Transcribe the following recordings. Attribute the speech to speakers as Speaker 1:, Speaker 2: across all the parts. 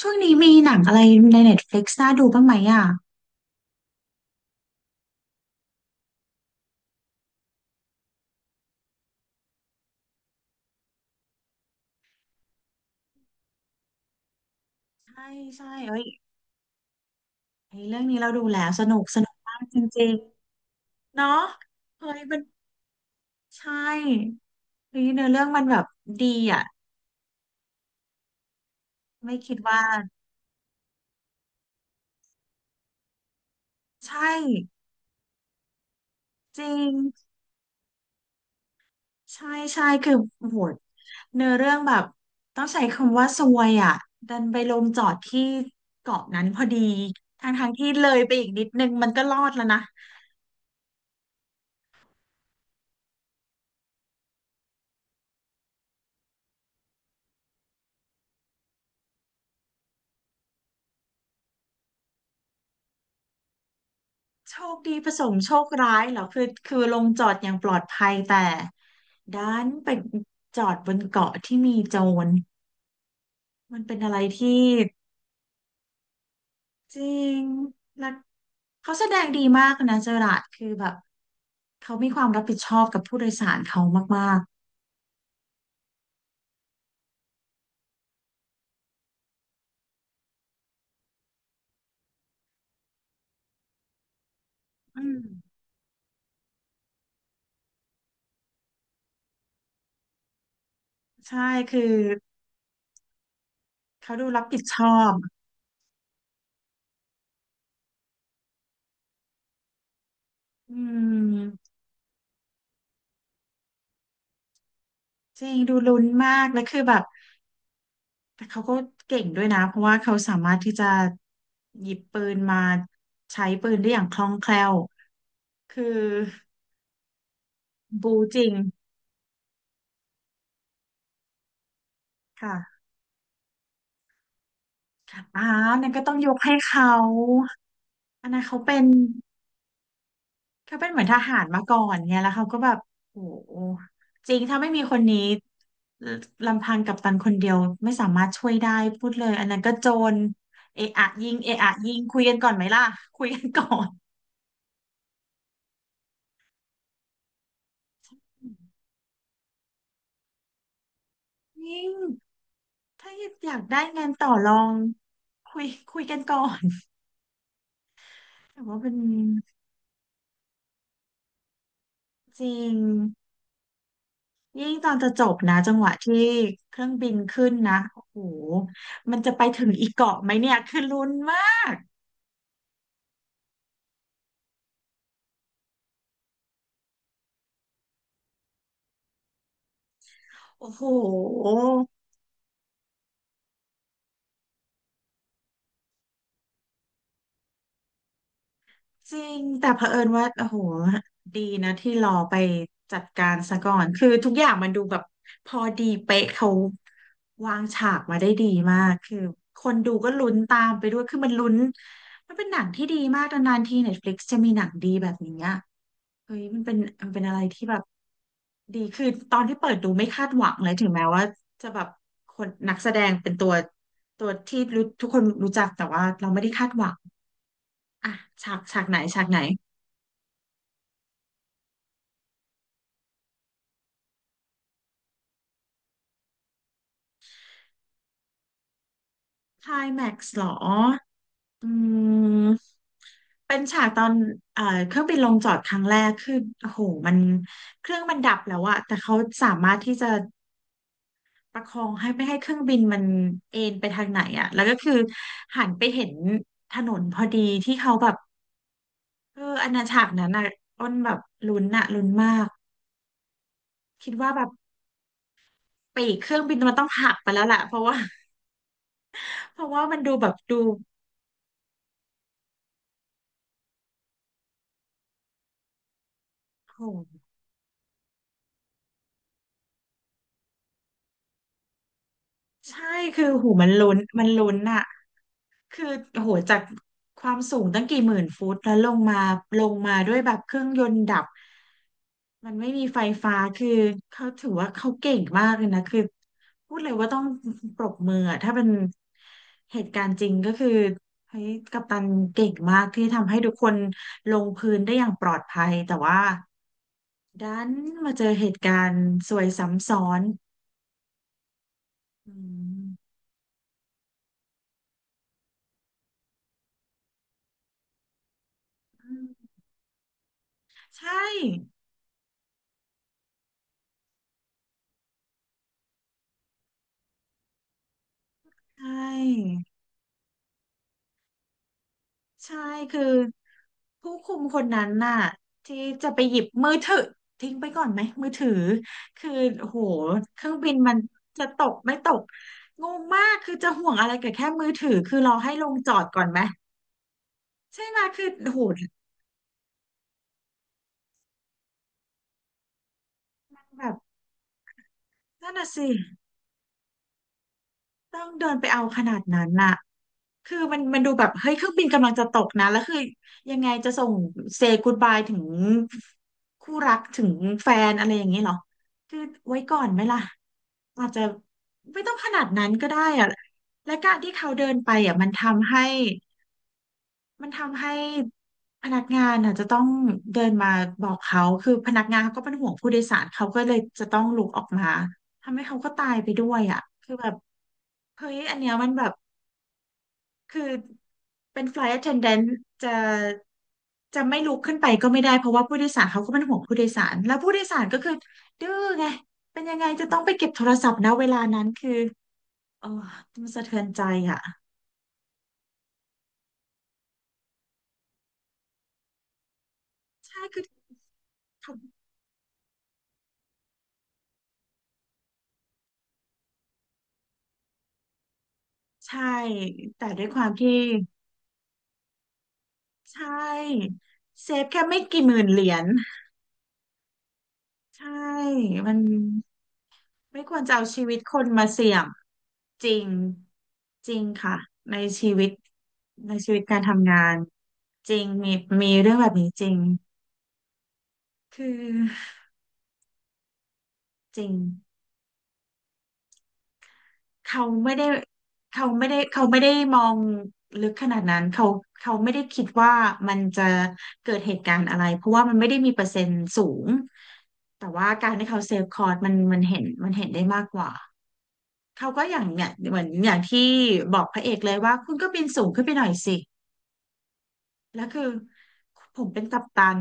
Speaker 1: ช่วงนี้มีหนังอะไรใน Netflix น่าดูบ้างไหมอ่ะใช่ใช่เอ้ยไอ้เรื่องนี้เราดูแล้วสนุกสนุกมากจริงๆเนาะเฮ้ยมันใช่เฮ้ยเนื้อเรื่องมันแบบดีอ่ะไม่คิดว่าใช่จริงใช่ใช่โอ้โหเนื้อเรื่องแบบต้องใช้คำว่าซวยอ่ะดันไปลงจอดที่เกาะนั้นพอดีทางๆที่เลยไปอีกนิดนึงมันก็รอดแล้วนะ โชคดีผสมโชคร้ายเหรอคือลงจอดอย่างปลอดภัยแต่ดันไปจอดบนเกาะที่มีโจรมันเป็นอะไรที่จริงแักเขาแสดงดีมากนะเจอราร์ดคือแบบเขามีความรับผิดชอบกับผู้โดยสารเขามากๆอืมใช่คือเขาดูรับผิดชอบอืมจริงดูลุ้นมากแล้วคือแบบ แต่เขาก็เก่งด้วยนะเพราะว่าเขาสามารถที่จะหยิบปืนมาใช้ปืนได้อย่างคล่องแคล่วคือบูจริงค่ะอ่านั่นก็ต้องยกให้เขาอันนั้นเขาเป็นเหมือนทหารมาก่อนไงแล้วเขาก็แบบโอ้โหจริงถ้าไม่มีคนนี้ลำพังกัปตันคนเดียวไม่สามารถช่วยได้พูดเลยอันนั้นก็โจรเอะอะยิงเอะอะยิงคุยกันก่อนไหมล่ะคุยกันก่อนจริง ถ้าอยากได้งานต่อรองคุยคุยกันก่อน แต่ว่าเป็นจริงยิ่งตอนจะจบนะจังหวะที่เครื่องบินขึ้นนะโอ้โหมันจะไปถึงอีกเกาะไหมเนี่ยคือลุ้นมากโอ้โห จริง แต่เผอิญว่า โอ้โหดีนะที่รอไปจัดการซะก่อนคือทุกอย่างมันดูแบบพอดีเป๊ะเขาวางฉากมาได้ดีมาก คือคนดูก็ลุ้นตามไปด้วยคือมันลุ้นมันเป็นหนังที่ดีมากนานๆที Netflix จะมีหนังดีแบบนี้อะเฮ้ยมันเป็นอะไรที่แบบดีคือตอนที่เปิดดูไม่คาดหวังเลยถึงแม้ว่าจะแบบคนนักแสดงเป็นตัวที่รู้ทุกคนรู้จักแต่ว่าเราไม่ได้คาดหวังอ่ะฉากไหนฉากไหน คลายแม็กซ์หรออืมเป็นฉากตอนเครื่องบินลงจอดครั้งแรกคือโอ้โหมันเครื่องมันดับแล้วอะแต่เขาสามารถที่จะประคองให้ไม่ให้เครื่องบินมันเอนไปทางไหนอะแล้วก็คือหันไปเห็นถนนพอดีที่เขาแบบเอออันนั้นฉากนั้นอะอ้นแบบลุ้นอะลุ้นมากคิดว่าแบบปีกเครื่องบินมันต้องหักไปแล้วแหละเพราะว่ามันดูแบบดูโอ้โหใช่คือโอ้โหูมันลุ้นมันลุ้นอะ คือโหจากความสูงตั้งกี่หมื่นฟุตแล้วลงมาด้วยแบบเครื่องยนต์ดับมันไม่มีไฟฟ้าคือเขาถือว่าเขาเก่งมากเลยนะคือพูดเลยว่าต้องปรบมืออะถ้าเป็นเหตุการณ์จริงก็คือเฮ้ยกัปตันเก่งมากที่ทำให้ทุกคนลงพื้นได้อย่างปลอดภัยแต่ว่าดันมาเจอเหตุการณ์ซวยซ้ำซ้อนอืมใช่ใช่ ใช่คือผู้คุมคนนั้นน่ะที่จะไปหยิบมือถือทิ้งไปก่อนไหมมือถือคือโหเครื่องบินมันจะตกไม่ตกงงมากคือจะห่วงอะไรกับแค่มือถือคือเรอให้ลงจอดก่อนไหมใช่ไหมคือโหแบบนั่นน่ะสิ ต้องเดินไปเอาขนาดนั้นน่ะคือมันดูแบบเฮ้ยเครื่องบินกำลังจะตกนะแล้วคือยังไงจะส่งเซ y g กูดบายถึงคู่รักถึงแฟนอะไรอย่างนี้เหรอคือไว้ก่อนไหมล่ะอาจจะไม่ต้องขนาดนั้นก็ได้อะและการที่เขาเดินไปอ่ะมันทำให้พนักงานอ่ะจะต้องเดินมาบอกเขาคือพนักงานเขาก็เป็นห่วงผู้โดยสารเขาก็เลยจะต้องลุกออกมาทำให้เขาก็ตายไปด้วยอ่ะคือแบบเฮ้ยอันเนี้ยมันแบบ คือเป็น flight attendant จะจะไม่ลุกขึ้นไปก็ไม่ได้เพราะว่าผู้โดยสารเขาก็เป็นห่วงผู้โดยสารแล้วผู้โดยสารก็คือดื้อไงเป็นยังไงจะต้องไปเก็บโทรศัพท์นะเวลานั้นคือเออมันสะเทือนใจอ่ะใช่คือทำใช่แต่ด้วยความที่ใช่เซฟแค่ไม่กี่หมื่นเหรียญใช่มัน ไม่ควรจะเอาชีวิตคนมาเสี่ยงจริงจริงค่ะในชีวิตการทำงานจริงมีเรื่องแบบนี้จริงคือจริงเขาไม่ได้เขาไม่ได้มองลึกขนาดนั้นเขาเขาไม่ได้คิดว่ามันจะเกิดเหตุการณ์อะไรเพราะว่ามันไม่ได้มีเปอร์เซ็นต์สูงแต่ว่าการที่เขาเซฟคอร์สมันเห็นเห็นได้มากกว่า เขาก็อย่างเนี่ยเหมือนอย่างที่บอกพระเอกเลยว่าคุณก็บินสูงขึ้นไปหน่อยสิแล้วคือผมเป็นกัปตัน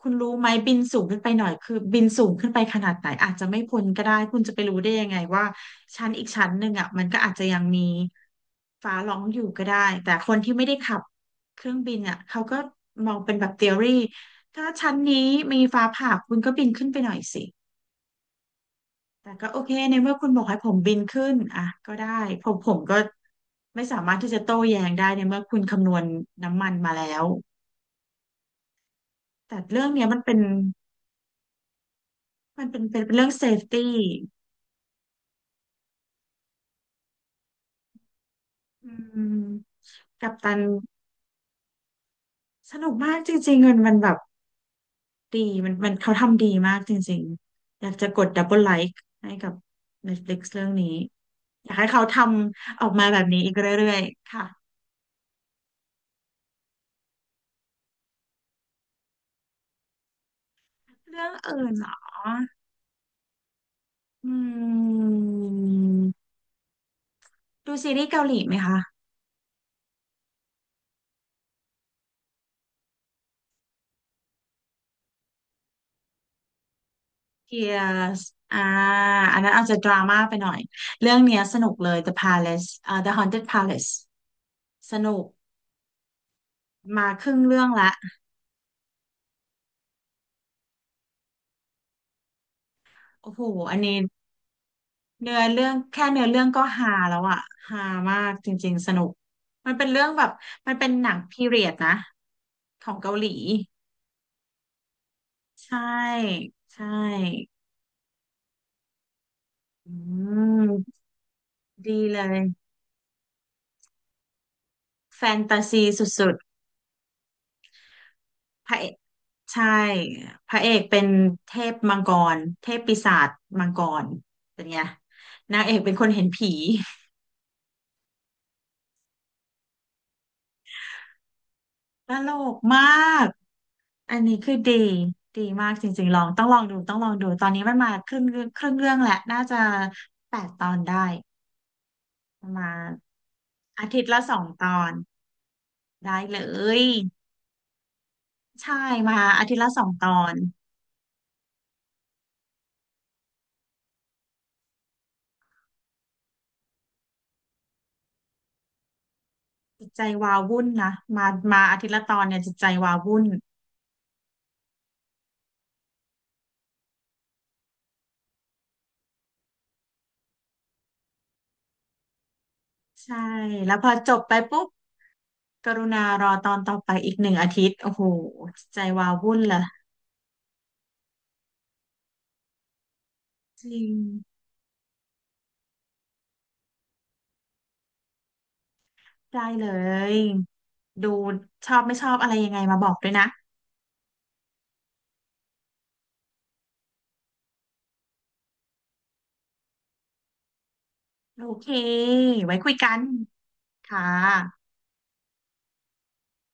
Speaker 1: คุณรู้ไหมบินสูงขึ้นไปหน่อยคือบินสูงขึ้นไปขนาดไหนอาจจะไม่พ้นก็ได้คุณจะไปรู้ได้ยังไงว่าชั้นอีกชั้นหนึ่งอ่ะมันก็อาจจะยังมีฟ้าร้องอยู่ก็ได้แต่คนที่ไม่ได้ขับเครื่องบินอ่ะเขาก็มองเป็นแบบ t h e o รีถ้าชั้นนี้มีฟ้าผ่าคุณก็บินขึ้นไปหน่อยสิ แต่ก็โอเคในเมื่อคุณบอกให้ผมบินขึ้นอ่ะก็ได้ผมก็ไม่สามารถที่จะโต้แย้งได้ในเมื่อคุณคำนวณน้ำมันมาแล้วแต่เรื่องเนี้ยมันเป็นมันเป็นเป็นเป็นเรื่องเซฟตี้อืมกัปตันสนุกมากจริงๆมันมันแบบดีมันเขาทำดีมากจริงๆอยากจะกดดับเบิลไลค์ให้กับ Netflix เรื่องนี้อยากให้เขาทำออกมาแบบนี้อีกเรื่อยๆค่ะเรื่องอื่นเหรออืม ดูซีรีส์เกาหลีไหมคะ Tears อ่าอันนั้นอาจจะดราม่าไปหน่อย เรื่องเนี้ยสนุกเลย The Palace อ่า The Haunted Palace สนุกมาครึ่งเรื่องละโอ้โหอันนี้เนื้อเรื่องแค่เนื้อเรื่องก็ฮาแล้วอะฮามากจริงๆ สนุก มันเป็นเรื่องแบบ มันเป็นหนังพีเรียดนะของเกาหลี ใช่ ใช่อืมดีเลยแฟนตาซีสุดๆพระ ใช่พระเอกเป็นเทพมังกรเทพปีศาจมังกรเป็นไงนางเอกเป็นคนเห็นผีตลกมากอันนี้คือดีดีมากจริงๆลองต้องลองดูตอนนี้มันมาครึ่งเรื่องแหละน่าจะ8 ตอนได้ประมาณอาทิตย์ละสองตอนได้เลยใช่มาอาทิตย์ละสองตอนจิตใจวาวุ่นนะมามาอาทิตย์ละตอนเนี่ยจิตใจวาวุ่นใช่แล้วพอจบไปปุ๊บ กรุณารอตอนต่อไปอีก1 อาทิตย์ โอ้โหใจวาววุ่นละจริงได้เลย ดูชอบไม่ชอบอะไรยังไงมาบอกด้วยนะ โอเคไว้คุยกันค่ะ